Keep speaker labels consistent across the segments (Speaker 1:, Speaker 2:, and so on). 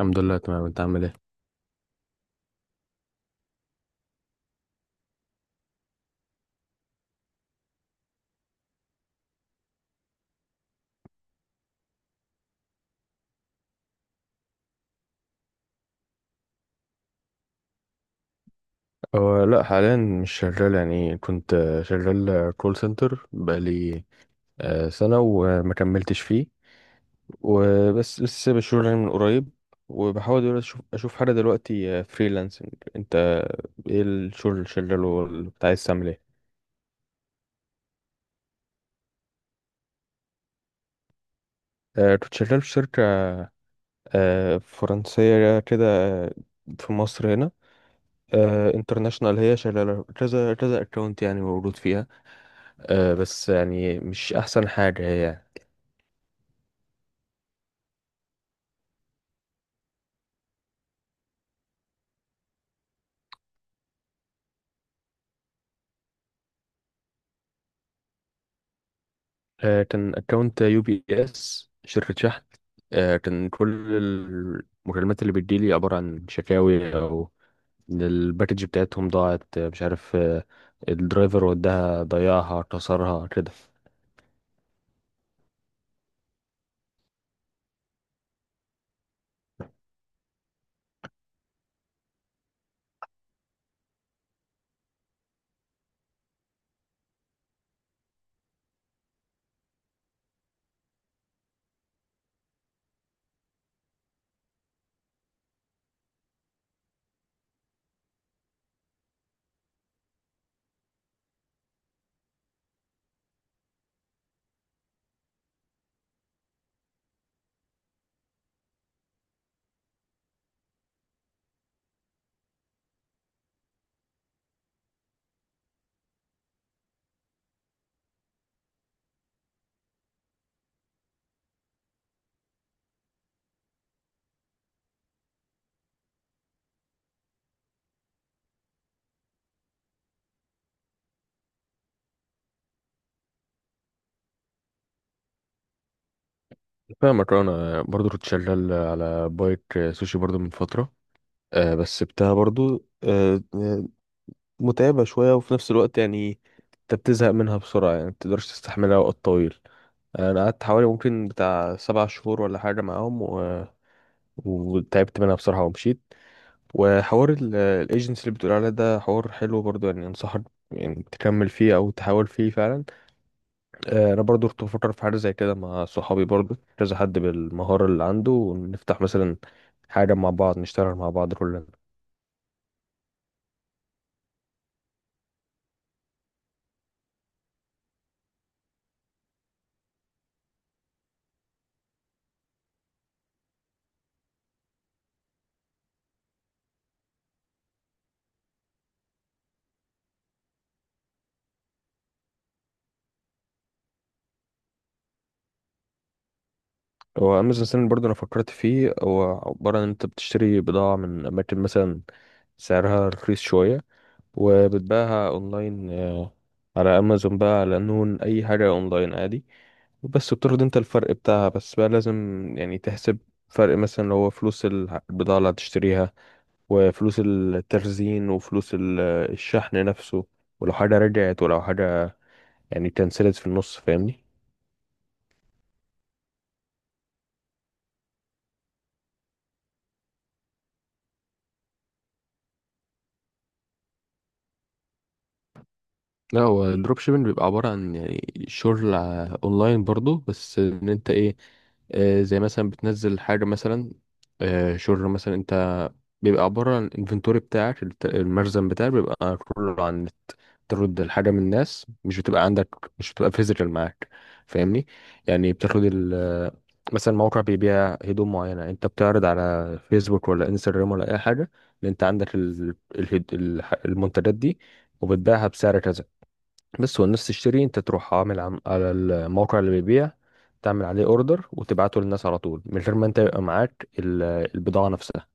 Speaker 1: الحمد لله تمام. انت عامل ايه؟ هو لا، حاليا مش شغال يعني. كنت شغال كول سنتر بقالي سنة وما كملتش فيه وبس، لسه سايب الشغل يعني من قريب. وبحاول دلوقتي اشوف حاجة دلوقتي فريلانسنج. انت ايه الشغل اللي شغاله، واللي كنت عايز تعمل ايه؟ كنت شغال في شركة فرنسية كده، آه، في مصر هنا. انترناشونال، هي شغالة كذا كذا اكونت يعني، موجود فيها. بس يعني مش احسن حاجة هي. كان اكونت يو بي اس، شركة شحن. كان كل المكالمات اللي بتجيلي عبارة عن شكاوي، او إن الباكج بتاعتهم ضاعت، مش عارف، الدرايفر وداها، ضيعها، كسرها كده. فاهمك. أه، انا برضو كنت شغال على بايك سوشي برضو من فترة، بس بتاعها برضو، متعبة شوية، وفي نفس الوقت يعني انت بتزهق منها بسرعة، يعني متقدرش تستحملها وقت طويل. أه، انا قعدت حوالي ممكن بتاع 7 شهور ولا حاجة معاهم، وتعبت منها بصراحة ومشيت. وحوار الايجنسي اللي بتقول عليه ده حوار حلو برضو، يعني انصحك يعني تكمل فيه او تحاول فيه فعلا. انا برضو كنت بفكر في حاجة زي كده مع صحابي، برضو كذا حد بالمهارة اللي عنده، ونفتح مثلا حاجة مع بعض، نشتغل مع بعض كلنا. هو امازون سيلين برضو انا فكرت فيه. هو عبارة ان انت بتشتري بضاعة من اماكن مثلا سعرها رخيص شوية، وبتباعها اونلاين، على امازون بقى، على نون، اي حاجة اونلاين عادي. بس بتاخد انت الفرق بتاعها. بس بقى لازم يعني تحسب فرق مثلا، اللي هو فلوس البضاعة اللي هتشتريها، وفلوس التخزين، وفلوس الشحن نفسه، ولو حاجة رجعت، ولو حاجة يعني اتنسلت في النص، فاهمني؟ لا، هو الدروب شيبنج بيبقى عبارة عن يعني شغل اونلاين برضو، بس ان انت ايه، زي مثلا بتنزل حاجة مثلا، شغل مثلا. انت بيبقى عبارة عن الانفنتوري بتاعك، المخزن بتاعك بيبقى كله عن النت، ترد الحاجة من الناس، مش بتبقى عندك، مش بتبقى فيزيكال معاك، فاهمني؟ يعني بتاخد مثلا موقع بيبيع هدوم معينة، انت بتعرض على فيسبوك ولا انستجرام ولا اي حاجة ان انت عندك المنتجات دي، وبتبيعها بسعر كذا بس. والناس تشتري، انت تروح على الموقع اللي بيبيع تعمل عليه اوردر، وتبعته للناس على طول، من غير ما انت يبقى معاك البضاعة نفسها.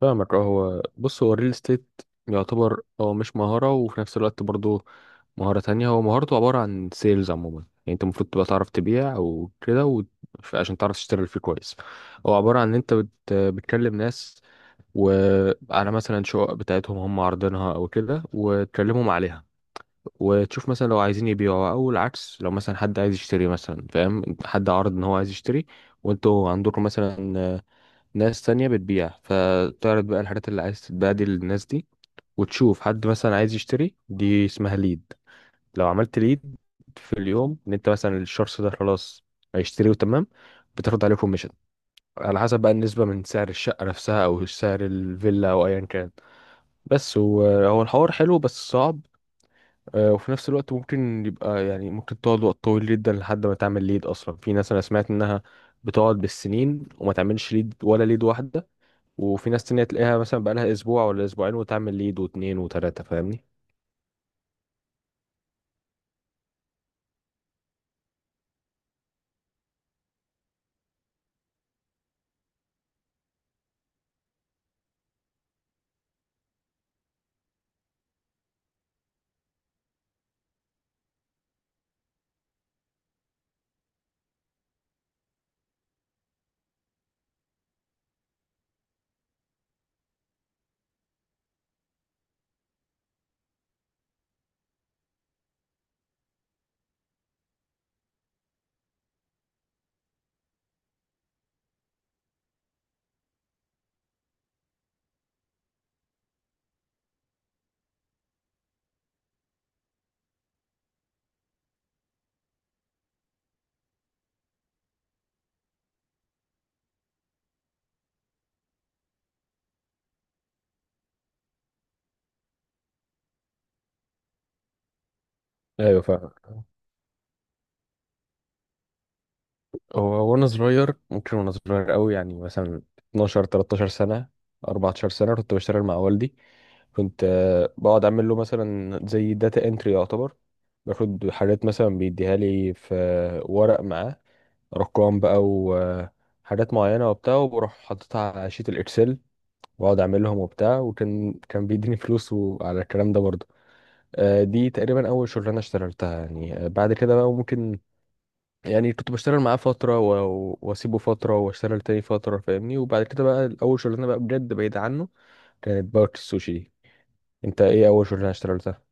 Speaker 1: فاهمك. اه، هو بص، هو الريل استيت يعتبر هو مش مهارة، وفي نفس الوقت برضه مهارة تانية. هو مهارته عبارة عن سيلز عموما يعني، انت المفروض تبقى تعرف تبيع او كده، عشان تعرف تشتغل فيه كويس. هو عبارة عن ان انت بتكلم ناس، وعلى مثلا شقق بتاعتهم هم عارضينها او كده، وتكلمهم عليها، وتشوف مثلا لو عايزين يبيعوا، او العكس، لو مثلا حد عايز يشتري مثلا، فاهم؟ حد عرض ان هو عايز يشتري، وانتوا عندكم مثلا ناس تانية بتبيع، فتعرض بقى الحاجات اللي عايز تتباع دي للناس دي، وتشوف حد مثلا عايز يشتري. دي اسمها ليد. لو عملت ليد في اليوم، ان انت مثلا الشخص ده خلاص هيشتري وتمام، بتاخد عليه كوميشن على حسب بقى النسبة من سعر الشقة نفسها، او سعر الفيلا، او ايا كان. بس هو، هو الحوار حلو بس صعب. وفي نفس الوقت ممكن يبقى يعني ممكن تقعد وقت طويل جدا لحد ما تعمل ليد اصلا. في ناس انا سمعت انها بتقعد بالسنين وما تعملش ليد ولا ليد واحده، وفي ناس تانية تلاقيها مثلا بقالها اسبوع ولا اسبوعين وتعمل ليد واتنين وتلاته، فاهمني؟ ايوه، فاهم. هو وانا صغير ممكن وانا صغير قوي يعني، مثلا 12 13 سنه، 14 سنه، كنت بشتغل مع والدي. كنت بقعد اعمل له مثلا زي داتا انتري يعتبر. باخد حاجات مثلا بيديها لي في ورق معاه، ارقام بقى وحاجات معينه وبتاع، وبروح حاططها على شيت الاكسل، واقعد اعملهم وبتاع. وكان بيديني فلوس وعلى الكلام ده برضه. دي تقريبا اول شغلانه اشتغلتها يعني. بعد كده بقى ممكن يعني كنت بشتغل معاه فتره، واسيبه فتره، واشتغل تاني فتره، فاهمني؟ وبعد كده بقى اول شغلانه بقى بجد بعيد عنه كانت بارك السوشي. انت ايه اول شغلانه اشتغلتها؟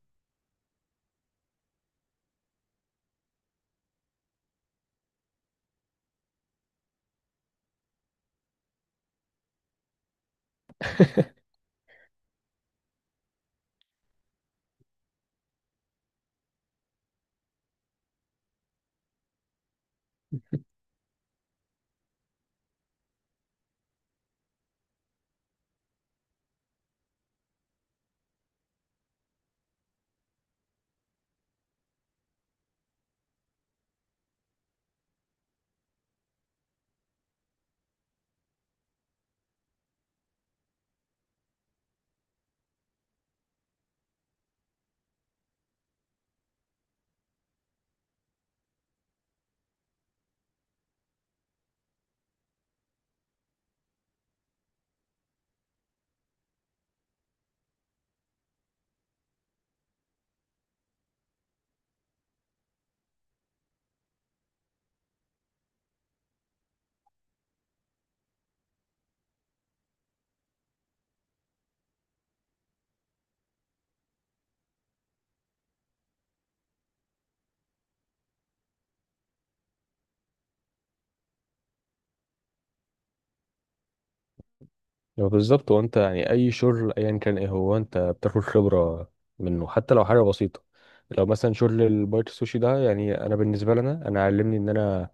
Speaker 1: هو بالظبط، هو انت يعني اي شغل ايا كان ايه، هو انت بتاخد خبره منه حتى لو حاجه بسيطه. لو مثلا شغل البايت السوشي ده يعني انا بالنسبه لنا، انا علمني ان انا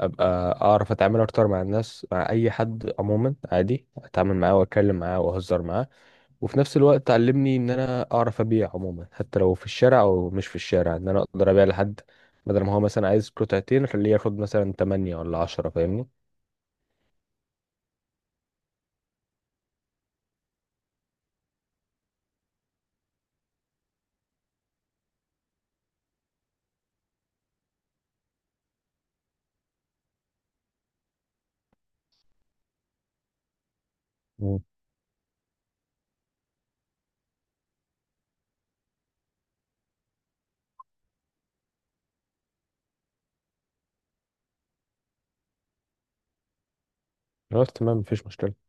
Speaker 1: ابقى اعرف اتعامل اكتر مع الناس، مع اي حد عموما عادي اتعامل معاه واتكلم معاه واهزر معاه. وفي نفس الوقت علمني ان انا اعرف ابيع عموما، حتى لو في الشارع او مش في الشارع، ان انا اقدر ابيع لحد بدل ما هو مثلا عايز قطعتين خليه ياخد مثلا 8 ولا 10، فاهمني؟ مم. خلاص تمام، مفيش مشكله.